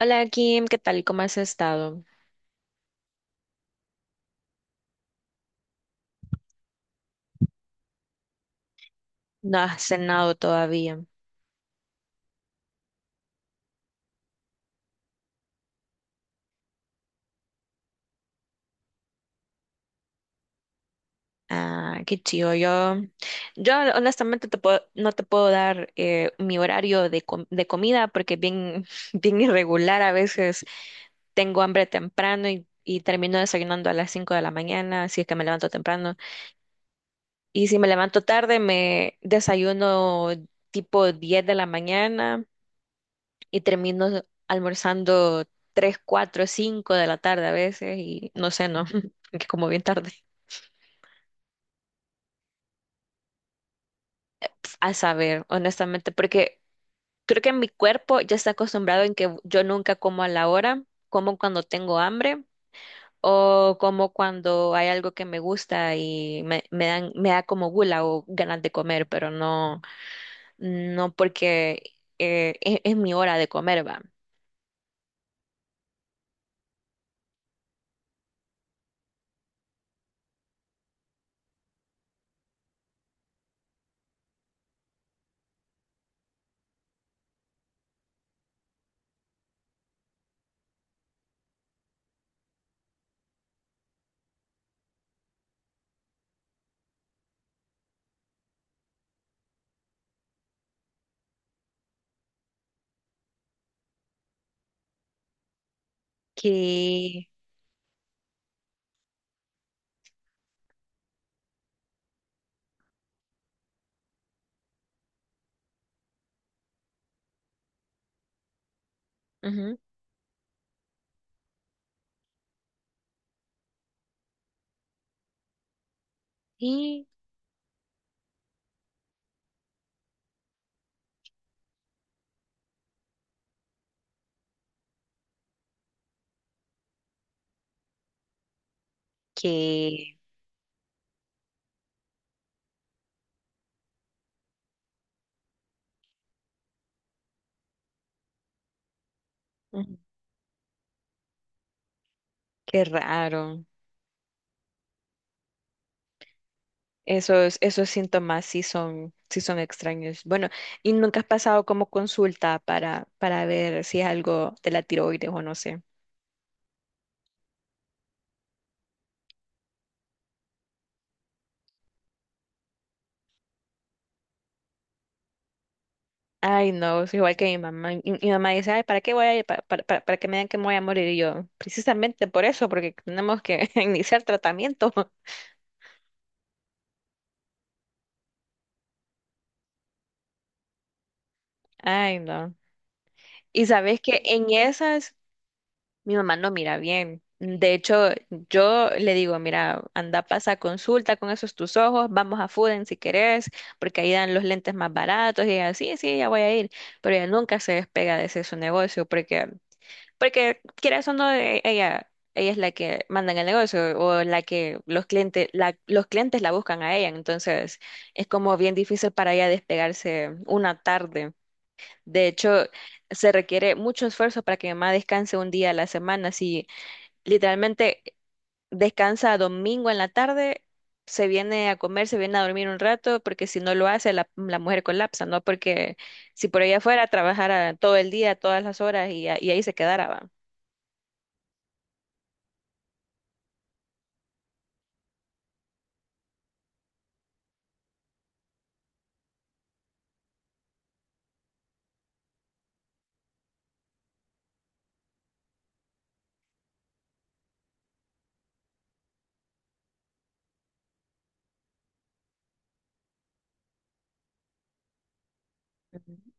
Hola Kim, ¿qué tal? ¿Cómo has estado? No has cenado todavía. Ah, qué chido. Yo honestamente no te puedo dar mi horario de comida porque es bien, bien irregular. A veces tengo hambre temprano y termino desayunando a las 5 de la mañana, si es que me levanto temprano. Y si me levanto tarde, me desayuno tipo 10 de la mañana y termino almorzando 3 4 5 de la tarde a veces y no sé, no, que como bien tarde. A saber, honestamente, porque creo que mi cuerpo ya está acostumbrado en que yo nunca como a la hora, como cuando tengo hambre o como cuando hay algo que me gusta y me da como gula o ganas de comer, pero no, no porque es mi hora de comer, va. Que, Ujú. y que, Qué raro. Esos síntomas sí son extraños. Bueno, ¿y nunca has pasado como consulta para ver si es algo de la tiroides o no sé? Ay, no, es igual que mi mamá. Mamá dice, ay, ¿para qué voy a ir? Para que me digan que me voy a morir. Y yo, precisamente por eso, porque tenemos que iniciar tratamiento. Ay, no. Y sabes que en esas, mi mamá no mira bien. De hecho, yo le digo, mira, anda, pasa consulta con esos tus ojos, vamos a Fuden si querés, porque ahí dan los lentes más baratos y ella, sí, sí, ya voy a ir, pero ella nunca se despega de ese su negocio porque quieras o no, ella es la que manda en el negocio o la que los clientes, los clientes la buscan a ella, entonces es como bien difícil para ella despegarse una tarde. De hecho, se requiere mucho esfuerzo para que mi mamá descanse un día a la semana. Si literalmente descansa domingo en la tarde, se viene a comer, se viene a dormir un rato, porque si no lo hace, la mujer colapsa, ¿no? Porque si por ella fuera, trabajara todo el día, todas las horas y ahí se quedara, va. Ujú.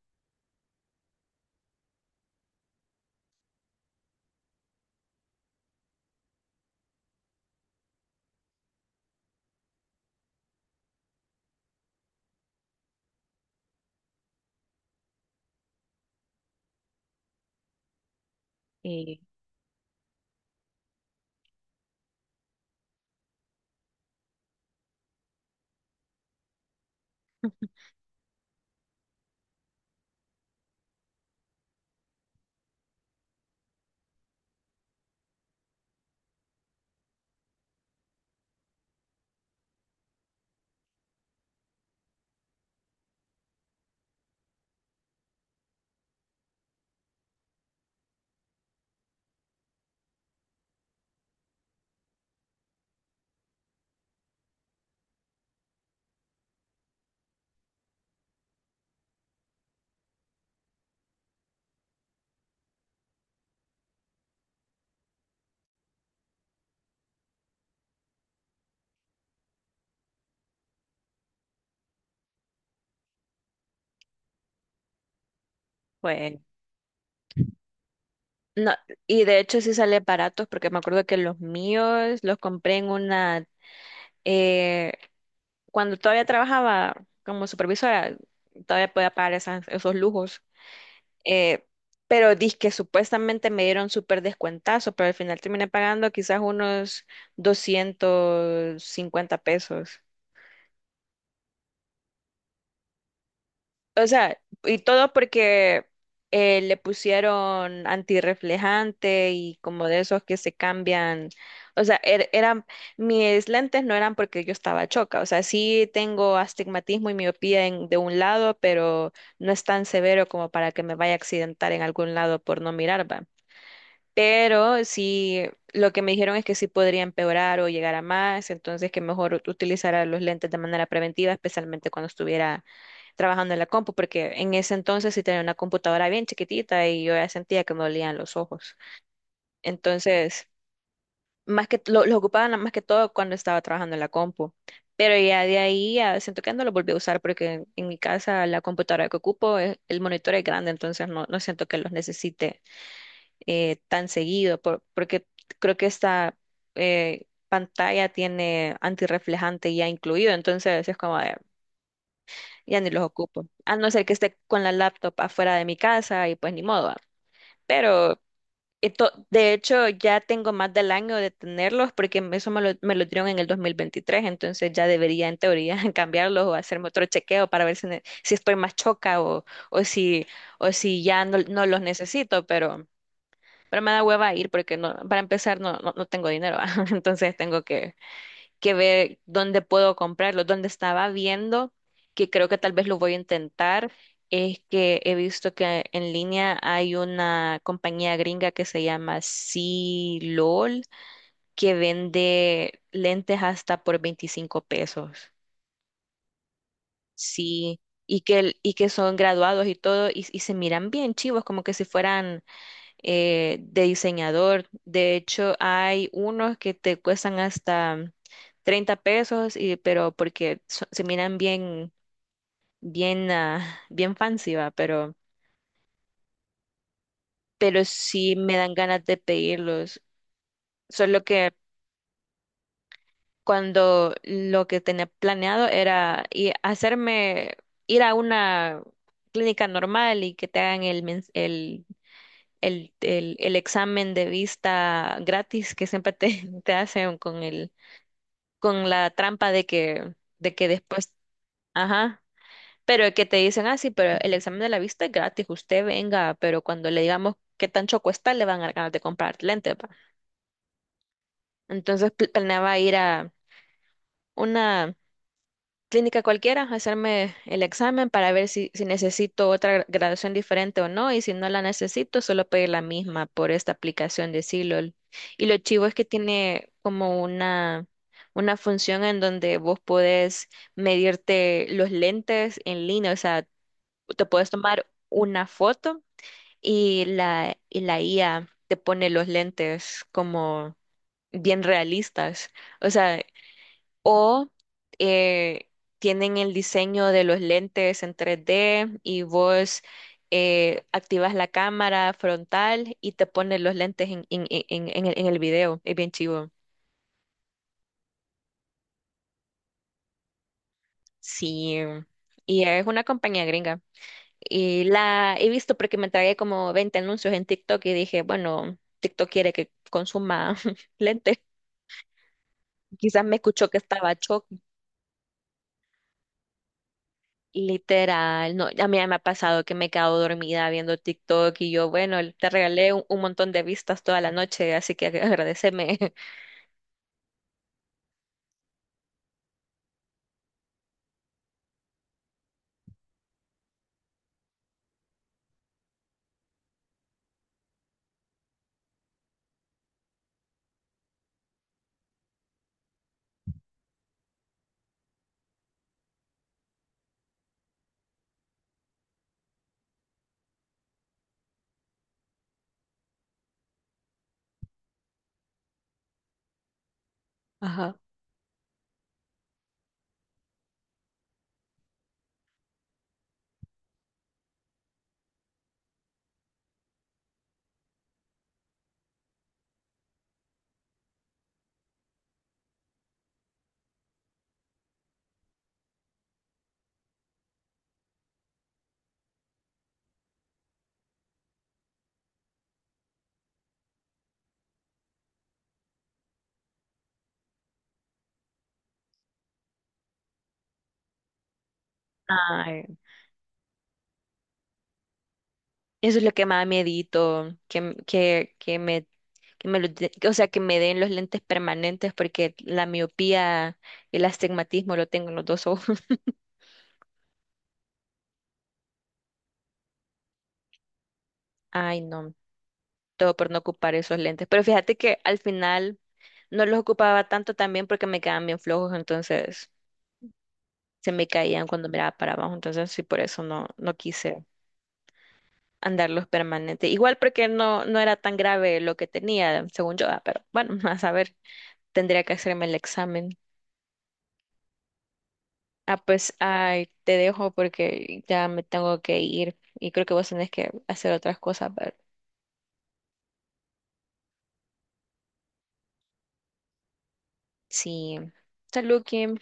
Y pues No, y de hecho sí sale baratos, porque me acuerdo que los míos los compré eh, cuando todavía trabajaba como supervisora, todavía podía pagar esos lujos. Eh, pero que supuestamente me dieron súper descuentazo, pero al final terminé pagando quizás unos 250 pesos. O sea, y todo porque le pusieron antirreflejante y como de esos que se cambian. O sea, mis lentes no eran porque yo estaba choca. O sea, sí tengo astigmatismo y miopía en- de un lado, pero no es tan severo como para que me vaya a accidentar en algún lado por no mirar, ¿va? Pero sí, lo que me dijeron es que sí podría empeorar o llegar a más, entonces que mejor utilizara los lentes de manera preventiva, especialmente cuando estuviera trabajando en la compu, porque en ese entonces sí tenía una computadora bien chiquitita y yo ya sentía que me dolían los ojos. Entonces, más que lo ocupaba más que todo cuando estaba trabajando en la compu. Pero ya de ahí ya siento que no lo volví a usar porque en mi casa la computadora que ocupo, el monitor es grande, entonces no, no siento que los necesite tan seguido, porque creo que esta pantalla tiene antirreflejante ya incluido, entonces es como de, ya ni los ocupo. A no ser que esté con la laptop afuera de mi casa y pues ni modo, ¿va? Pero de hecho ya tengo más del año de tenerlos porque eso me lo dieron en el 2023, entonces ya debería en teoría cambiarlos o hacerme otro chequeo para ver si estoy más choca o si, o si ya no, no los necesito, pero. Pero me da hueva ir porque no, para empezar no, no, no tengo dinero, ¿va? Entonces tengo que ver dónde puedo comprarlo. Donde estaba viendo, que creo que tal vez lo voy a intentar, es que he visto que en línea hay una compañía gringa que se llama C-LOL, que vende lentes hasta por 25 pesos. Sí, y que son graduados y todo, y se miran bien chivos, como que si fueran de diseñador. De hecho, hay unos que te cuestan hasta 30 pesos, pero porque se miran bien, bien, bien fancy, va, pero sí me dan ganas de pedirlos. Solo que cuando lo que tenía planeado era hacerme ir a una clínica normal y que te hagan el, mens- el examen de vista gratis que siempre te, te hacen con la trampa de que después, ajá, pero que te dicen, ah, sí, pero el examen de la vista es gratis, usted venga, pero cuando le digamos qué tan choco está, le van a dar ganas de comprar lentes, va. Entonces planeaba ir a una clínica cualquiera, hacerme el examen para ver si necesito otra graduación diferente o no, y si no la necesito, solo pedir la misma por esta aplicación de Silol. Y lo chivo es que tiene como una función en donde vos podés medirte los lentes en línea, o sea, te puedes tomar una foto y la IA te pone los lentes como bien realistas. O sea, o eh, tienen el diseño de los lentes en 3D y vos activas la cámara frontal y te pones los lentes en el video. Es bien chivo. Sí, y es una compañía gringa. Y la he visto porque me tragué como 20 anuncios en TikTok y dije, bueno, TikTok quiere que consuma lentes. Quizás me escuchó que estaba. Literal, no, a mí ya me ha pasado que me he quedado dormida viendo TikTok y yo, bueno, te regalé un montón de vistas toda la noche, así que agradeceme. Ajá. Ay, eso es lo que más miedito, que, m- que me, o sea, que me den los lentes permanentes porque la miopía y el astigmatismo lo tengo en los dos ojos. Ay, no, todo por no ocupar esos lentes. Pero fíjate que al final no los ocupaba tanto también porque me quedaban bien flojos, entonces. Se me caían cuando miraba para abajo, entonces sí, por eso no, no quise andarlos permanente. Igual porque no, no era tan grave lo que tenía, según yo, pero bueno, a saber, tendría que hacerme el examen. Ah, pues, ay, te dejo porque ya me tengo que ir y creo que vos tenés que hacer otras cosas, pero sí. Salud, Kim.